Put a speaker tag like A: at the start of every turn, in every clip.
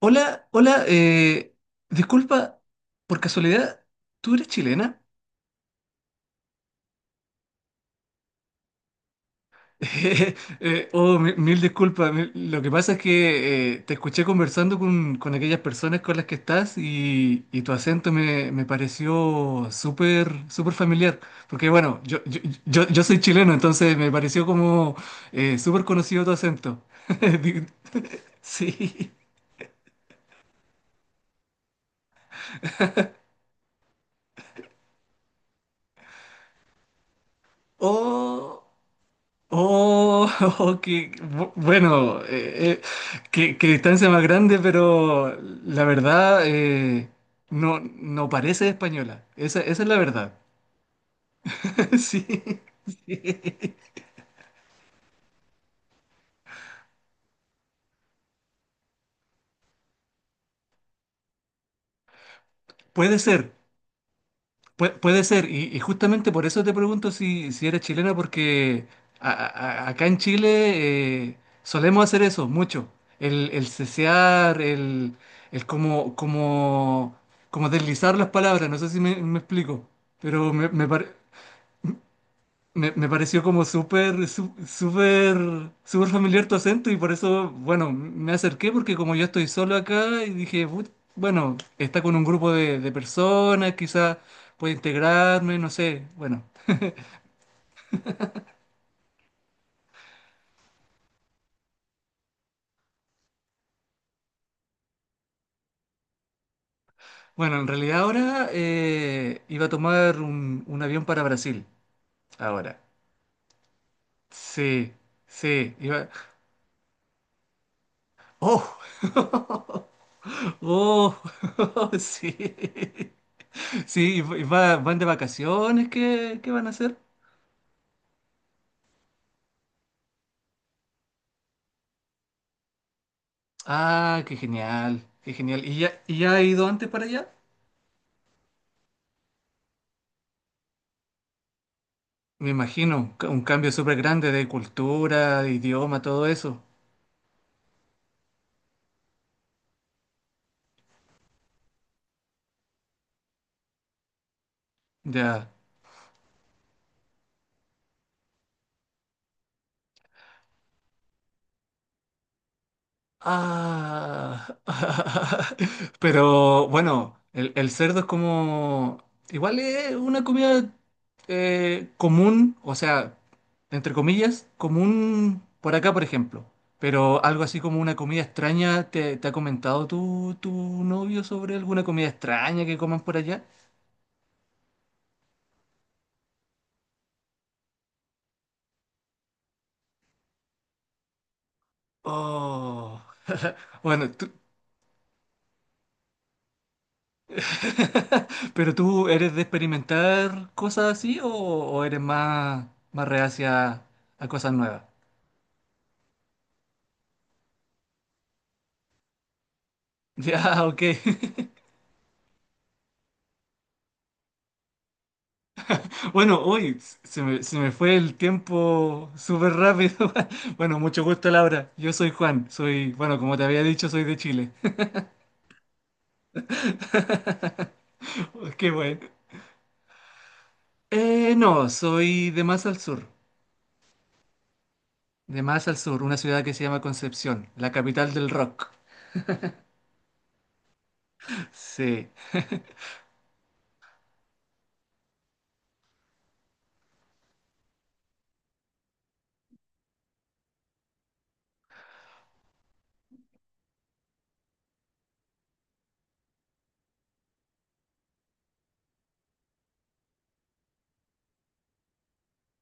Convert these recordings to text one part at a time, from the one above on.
A: Hola, hola, disculpa, por casualidad, ¿tú eres chilena? Mil disculpas, lo que pasa es que te escuché conversando con aquellas personas con las que estás y tu acento me pareció súper familiar, porque bueno, yo soy chileno, entonces me pareció como súper conocido tu acento. Di- Sí. Oh. Oh, oh, bueno, qué distancia más grande, pero la verdad no parece española. Esa es la verdad. Sí, sí. Puede ser. Puede ser, y justamente por eso te pregunto si eres chilena, porque a- a- acá en Chile solemos hacer eso mucho. El cesear, el como deslizar las palabras, no sé si me explico, pero me parece. Me pareció como súper súper familiar tu acento, y por eso, bueno, me acerqué porque como yo estoy solo acá y dije, bueno, está con un grupo de personas, quizás puede integrarme, no sé". Bueno, bueno, en realidad ahora iba a tomar un avión para Brasil. Ahora. Sí, sí, iba... ¡Oh! ¡Oh! Sí. Sí, y van de vacaciones, qué van a hacer? Ah, qué genial, qué genial. Y ya ha ido antes para allá? Me imagino, un cambio súper grande de cultura, idioma, todo eso. Ya. Ah. Pero bueno, el cerdo es como... Igual es una comida común, o sea, entre comillas, común por acá, por ejemplo. Pero algo así como una comida extraña, te ha comentado tu novio sobre alguna comida extraña que coman por allá? Oh. Bueno, tú- pero tú eres de experimentar cosas así o eres más, más reacia a cosas nuevas. Ya, ok. Bueno, hoy se me fue el tiempo súper rápido. Bueno, mucho gusto, Laura. Yo soy Juan. Soy, bueno, como te había dicho, soy de Chile. Qué bueno. No, soy de más al sur. De más al sur, una ciudad que se llama Concepción, la capital del rock. Sí.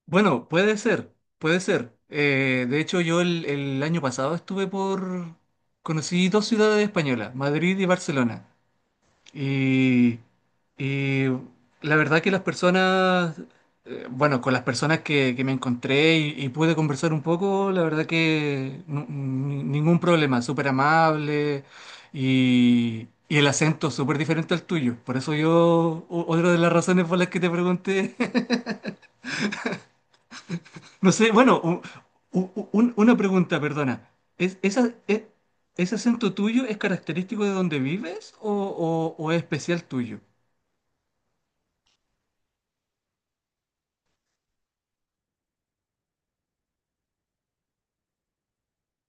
A: Bueno, puede ser, puede ser. De hecho, yo el año pasado estuve por... Conocí dos ciudades españolas, Madrid y Barcelona. Y, y la verdad que las personas, bueno, con las personas que me encontré y pude conversar un poco, la verdad que ningún problema, súper amable y el acento súper diferente al tuyo. Por eso yo, otra de las razones por las que te pregunté. No sé, bueno, una pregunta, perdona. ¿Es, esa, e- Ese acento tuyo es característico de donde vives o es especial tuyo?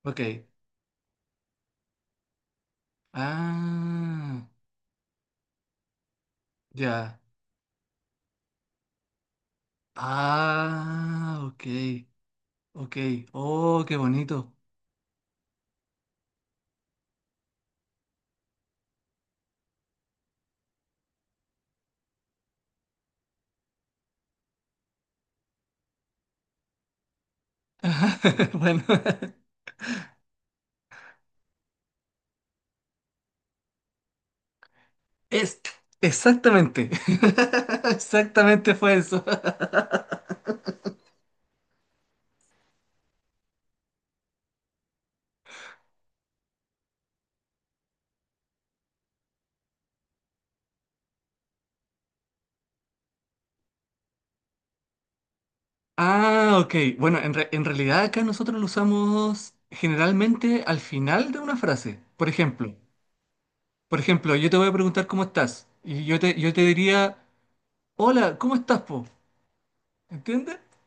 A: Ok. Ah, ya. Ah, ok. Ok. Oh, qué bonito. Bueno, es exactamente. Exactamente fue eso. Ah, ok. Bueno, en realidad acá nosotros lo usamos generalmente al final de una frase. Por ejemplo, yo te voy a preguntar cómo estás y yo te diría, hola, ¿cómo estás, po? ¿Entiendes?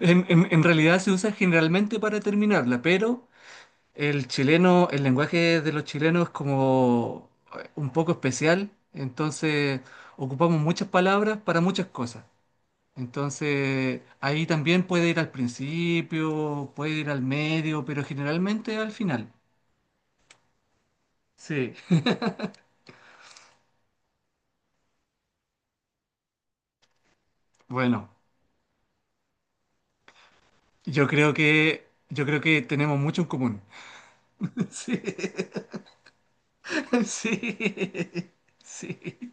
A: En realidad se usa generalmente para terminarla, pero el chileno, el lenguaje de los chilenos es como un poco especial, entonces ocupamos muchas palabras para muchas cosas. Entonces, ahí también puede ir al principio, puede ir al medio, pero generalmente al final. Sí. Bueno, yo creo que tenemos mucho en común. Sí. Sí. Sí.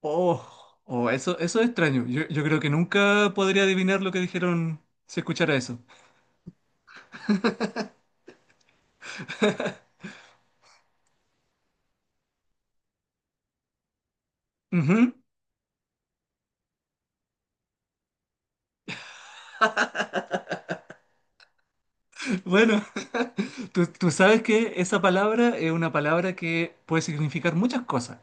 A: Oh, oh, eso es extraño. Yo creo que nunca podría adivinar lo que dijeron si escuchara eso. Ujú. Bueno, tú sabes que esa palabra es una palabra que puede significar muchas cosas.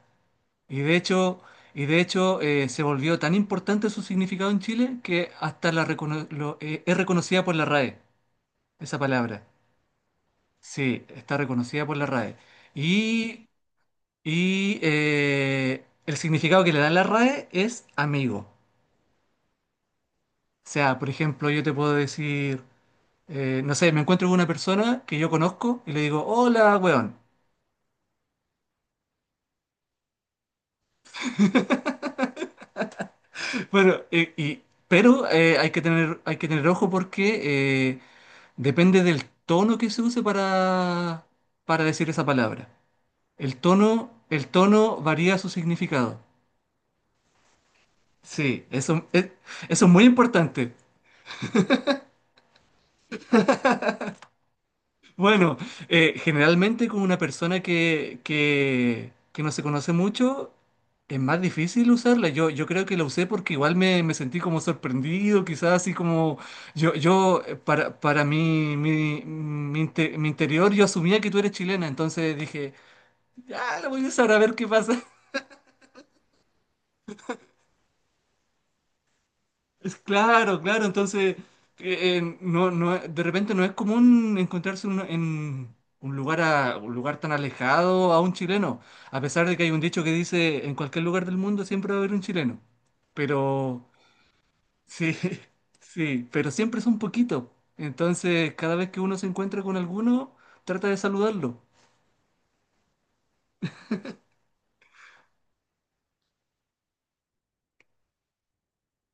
A: Y de hecho, y de hecho se volvió tan importante su significado en Chile que hasta es reconocida por la RAE, esa palabra. Sí, está reconocida por la RAE. Y, el significado que le da la RAE es amigo. O sea, por ejemplo, yo te puedo decir, no sé, me encuentro con una persona que yo conozco y le digo, hola, weón. Bueno, pero hay que tener ojo porque eh, depende del tono que se use para decir esa palabra. El tono varía su significado. Sí, eso es muy importante. Bueno, generalmente con una persona que no se conoce mucho, es más difícil usarla. Yo creo que la usé porque igual me sentí como sorprendido, quizás así como para mi mi interior, yo asumía que tú eres chilena, entonces dije, ah, la voy a usar a ver qué pasa. Es claro, claro, entonces no, de repente no es común encontrarse uno en un lugar, un lugar tan alejado a un chileno, a pesar de que hay un dicho que dice en cualquier lugar del mundo siempre va a haber un chileno, pero sí, sí, pero siempre es un poquito, entonces cada vez que uno se encuentra con alguno, trata de saludarlo.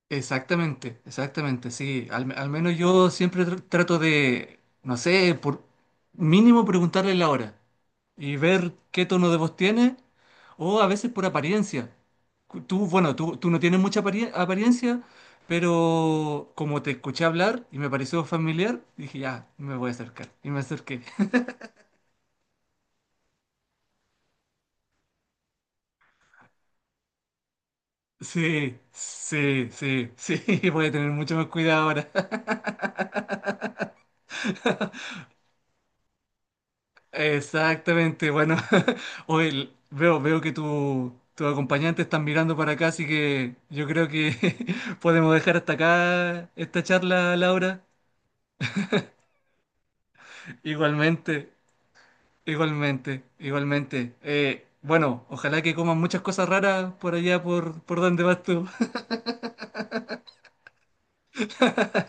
A: Exactamente, exactamente, sí. Al menos yo siempre trato de, no sé, por mínimo preguntarle la hora y ver qué tono de voz tiene o a veces por apariencia. Tú, bueno, tú no tienes mucha apariencia, pero como te escuché hablar y me pareció familiar, dije, ya, me voy a acercar. Y me acerqué. Sí, sí, sí, sí, voy a tener mucho más cuidado ahora. Exactamente, bueno, hoy veo, veo que tu acompañante están mirando para acá, así que yo creo que podemos dejar hasta acá esta charla, Laura. Igualmente, igualmente, igualmente. Bueno, ojalá que coman muchas cosas raras por allá, por donde vas tú.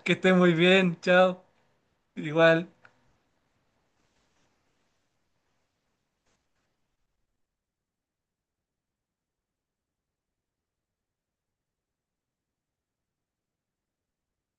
A: Que estés muy bien, chao. Igual.